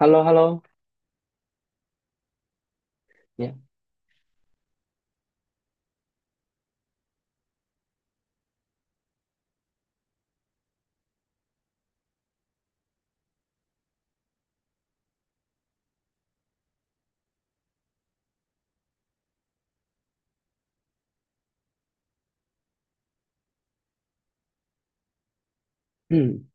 h e l l o h e l l o。 你。嗯。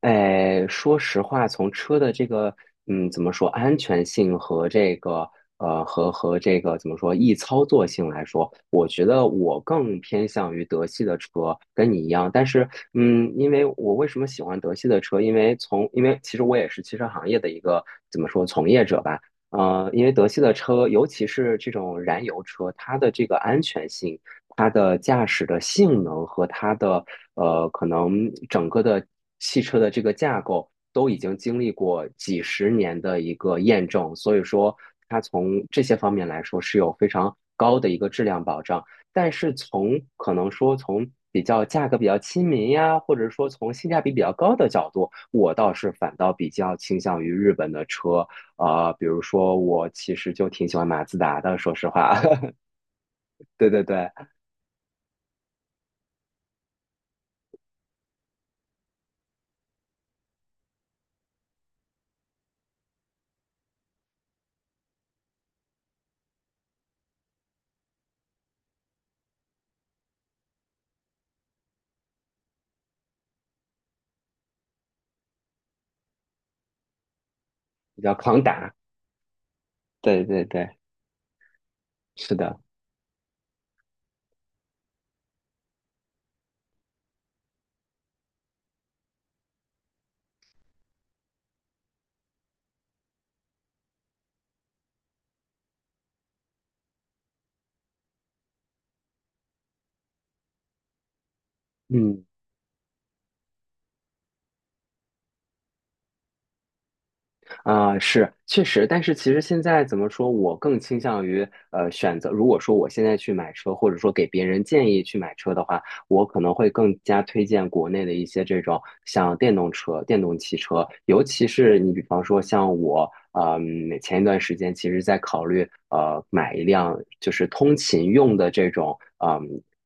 哎，说实话，从车的这个怎么说安全性和这个和这个怎么说易操作性来说，我觉得我更偏向于德系的车，跟你一样。但是因为我为什么喜欢德系的车？因为其实我也是汽车行业的一个怎么说从业者吧。因为德系的车，尤其是这种燃油车，它的这个安全性。它的驾驶的性能和它的可能整个的汽车的这个架构都已经经历过几十年的一个验证，所以说它从这些方面来说是有非常高的一个质量保障。但是从可能说从比较价格比较亲民呀，或者说从性价比比较高的角度，我倒是反倒比较倾向于日本的车。比如说我其实就挺喜欢马自达的，说实话。对对对，比较抗打。对对对，是的。嗯。是确实，但是其实现在怎么说，我更倾向于选择。如果说我现在去买车，或者说给别人建议去买车的话，我可能会更加推荐国内的一些这种像电动车、电动汽车，尤其是你比方说像我，前一段时间其实在考虑买一辆就是通勤用的这种。嗯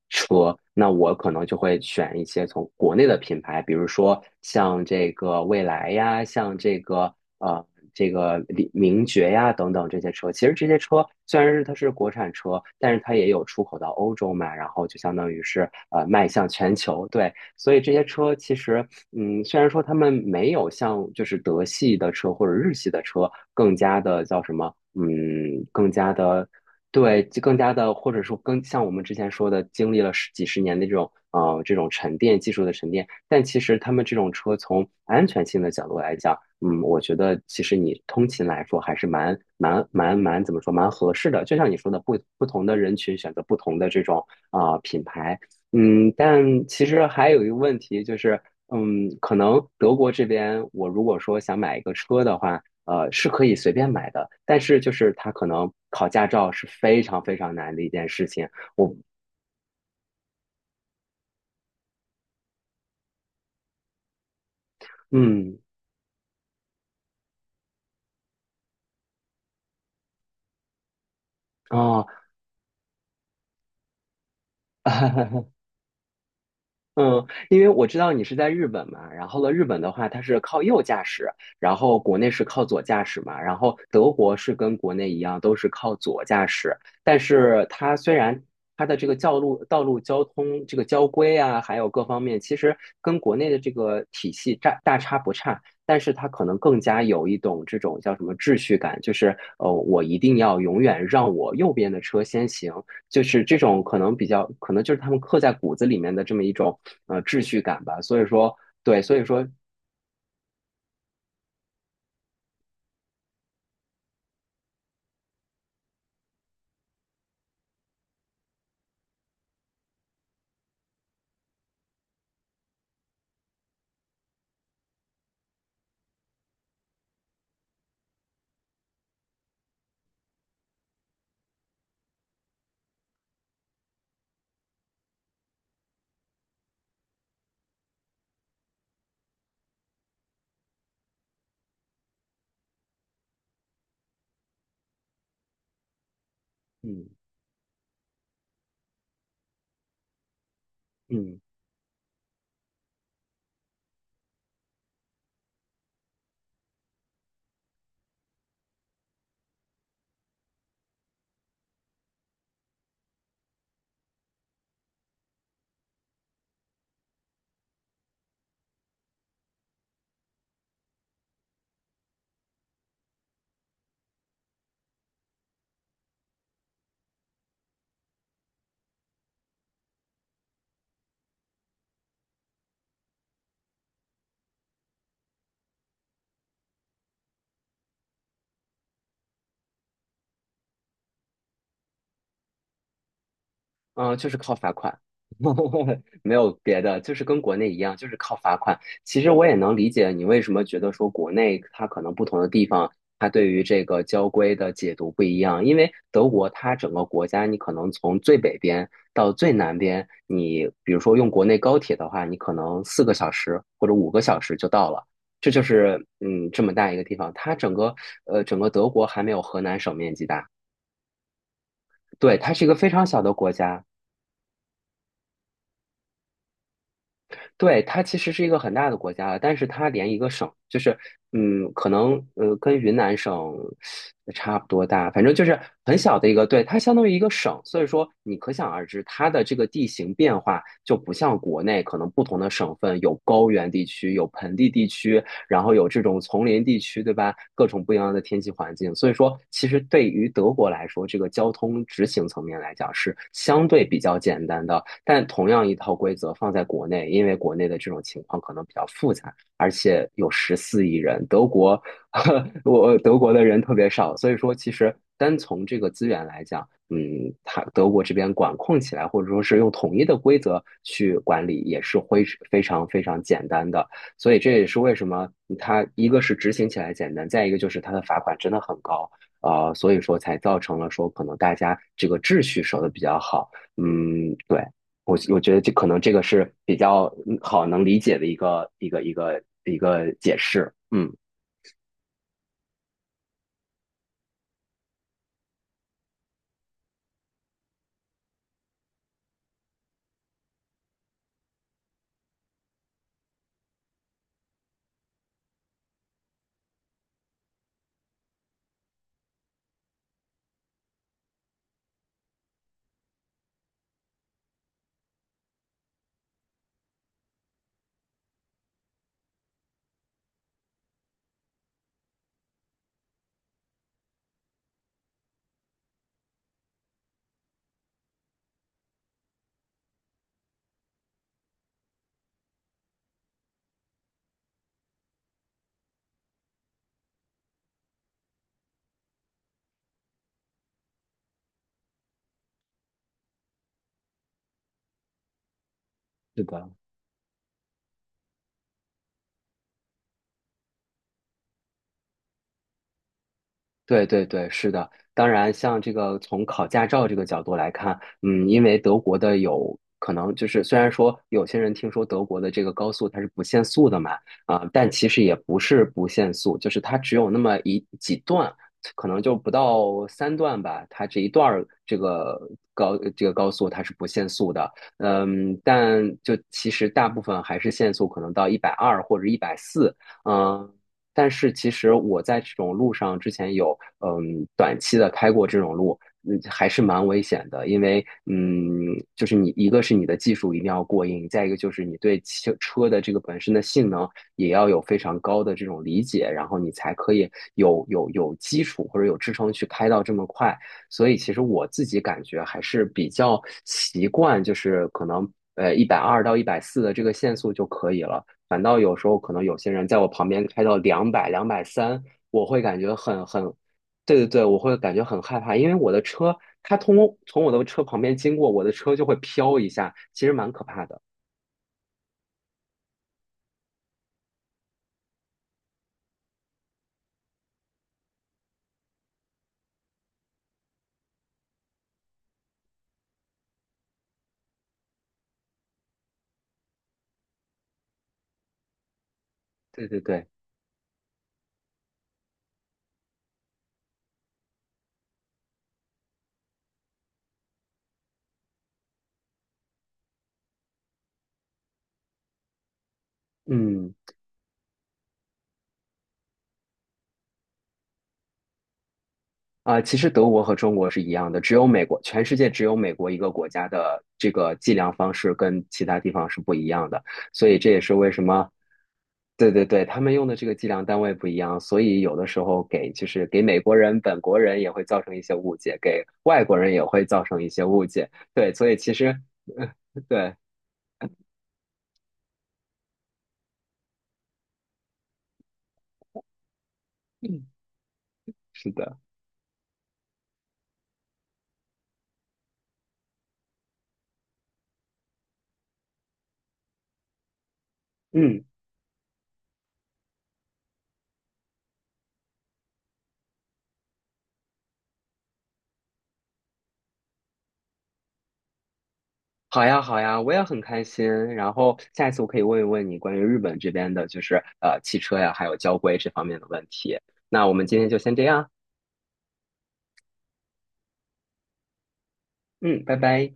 车，那我可能就会选一些从国内的品牌，比如说像这个蔚来呀，像呃这个李名爵呀等等这些车。其实这些车虽然是它是国产车，但是它也有出口到欧洲嘛，然后就相当于是迈向全球。对，所以这些车其实虽然说他们没有像就是德系的车或者日系的车更加的叫什么。嗯，更加的对，就更加的，或者说更像我们之前说的，经历了十几十年的这种这种沉淀技术的沉淀。但其实他们这种车从安全性的角度来讲，我觉得其实你通勤来说还是蛮蛮蛮蛮怎么说蛮合适的。就像你说的，不同的人群选择不同的这种品牌。但其实还有一个问题就是，可能德国这边我如果说想买一个车的话。是可以随便买的，但是就是他可能考驾照是非常非常难的一件事情。我。嗯。哦。嗯，因为我知道你是在日本嘛，然后呢，日本的话它是靠右驾驶，然后国内是靠左驾驶嘛，然后德国是跟国内一样都是靠左驾驶。但是它虽然它的这个道路交通这个交规啊，还有各方面，其实跟国内的这个体系差不差，但是它可能更加有一种这种叫什么秩序感，就是我一定要永远让我右边的车先行。就是这种可能比较，可能就是他们刻在骨子里面的这么一种秩序感吧。所以说，对，所以说，嗯嗯。嗯，就是靠罚款。没有别的，就是跟国内一样，就是靠罚款。其实我也能理解你为什么觉得说国内它可能不同的地方，它对于这个交规的解读不一样。因为德国它整个国家，你可能从最北边到最南边，你比如说用国内高铁的话，你可能4个小时或者5个小时就到了。这就是这么大一个地方，它整个整个德国还没有河南省面积大。对，它是一个非常小的国家。对，它其实是一个很大的国家了，但是它连一个省，就是，可能跟云南省差不多大，反正就是很小的一个。对，它相当于一个省，所以说你可想而知，它的这个地形变化就不像国内，可能不同的省份有高原地区，有盆地地区，然后有这种丛林地区，对吧？各种不一样的天气环境，所以说其实对于德国来说，这个交通执行层面来讲是相对比较简单的。但同样一套规则放在国内，因为国内的这种情况可能比较复杂，而且有14亿人。德国呵 我德国的人特别少，所以说其实单从这个资源来讲。嗯，它德国这边管控起来，或者说是用统一的规则去管理，也是非常非常简单的。所以这也是为什么它一个是执行起来简单，再一个就是它的罚款真的很高。所以说才造成了说可能大家这个秩序守得比较好。嗯，对。我觉得这可能这个是比较好能理解的一个解释。嗯。是的。对对对，是的。当然，像这个从考驾照这个角度来看。嗯，因为德国的有可能就是，虽然说有些人听说德国的这个高速它是不限速的嘛。但其实也不是不限速，就是它只有那么几段，可能就不到3段吧，它这一段儿这个高速它是不限速的。但就其实大部分还是限速，可能到一百二或者一百四。嗯，但是其实我在这种路上之前有短期的开过这种路。还是蛮危险的，因为就是你一个是你的技术一定要过硬，再一个就是你对汽车的这个本身的性能也要有非常高的这种理解，然后你才可以有基础或者有支撑去开到这么快。所以其实我自己感觉还是比较习惯，就是可能一百二到一百四的这个限速就可以了。反倒有时候可能有些人在我旁边开到两百、230，我会感觉很，对对对，我会感觉很害怕，因为我的车它从我的车旁边经过，我的车就会飘一下，其实蛮可怕的。对对对，嗯。其实德国和中国是一样的，只有美国，全世界只有美国一个国家的这个计量方式跟其他地方是不一样的。所以这也是为什么，对对对，他们用的这个计量单位不一样，所以有的时候就是给美国人、本国人也会造成一些误解，给外国人也会造成一些误解。对，所以其实。对。嗯。是的。嗯。好呀，好呀，我也很开心。然后下一次我可以问一问你关于日本这边的，就是汽车呀，还有交规这方面的问题。那我们今天就先这样。嗯，拜拜。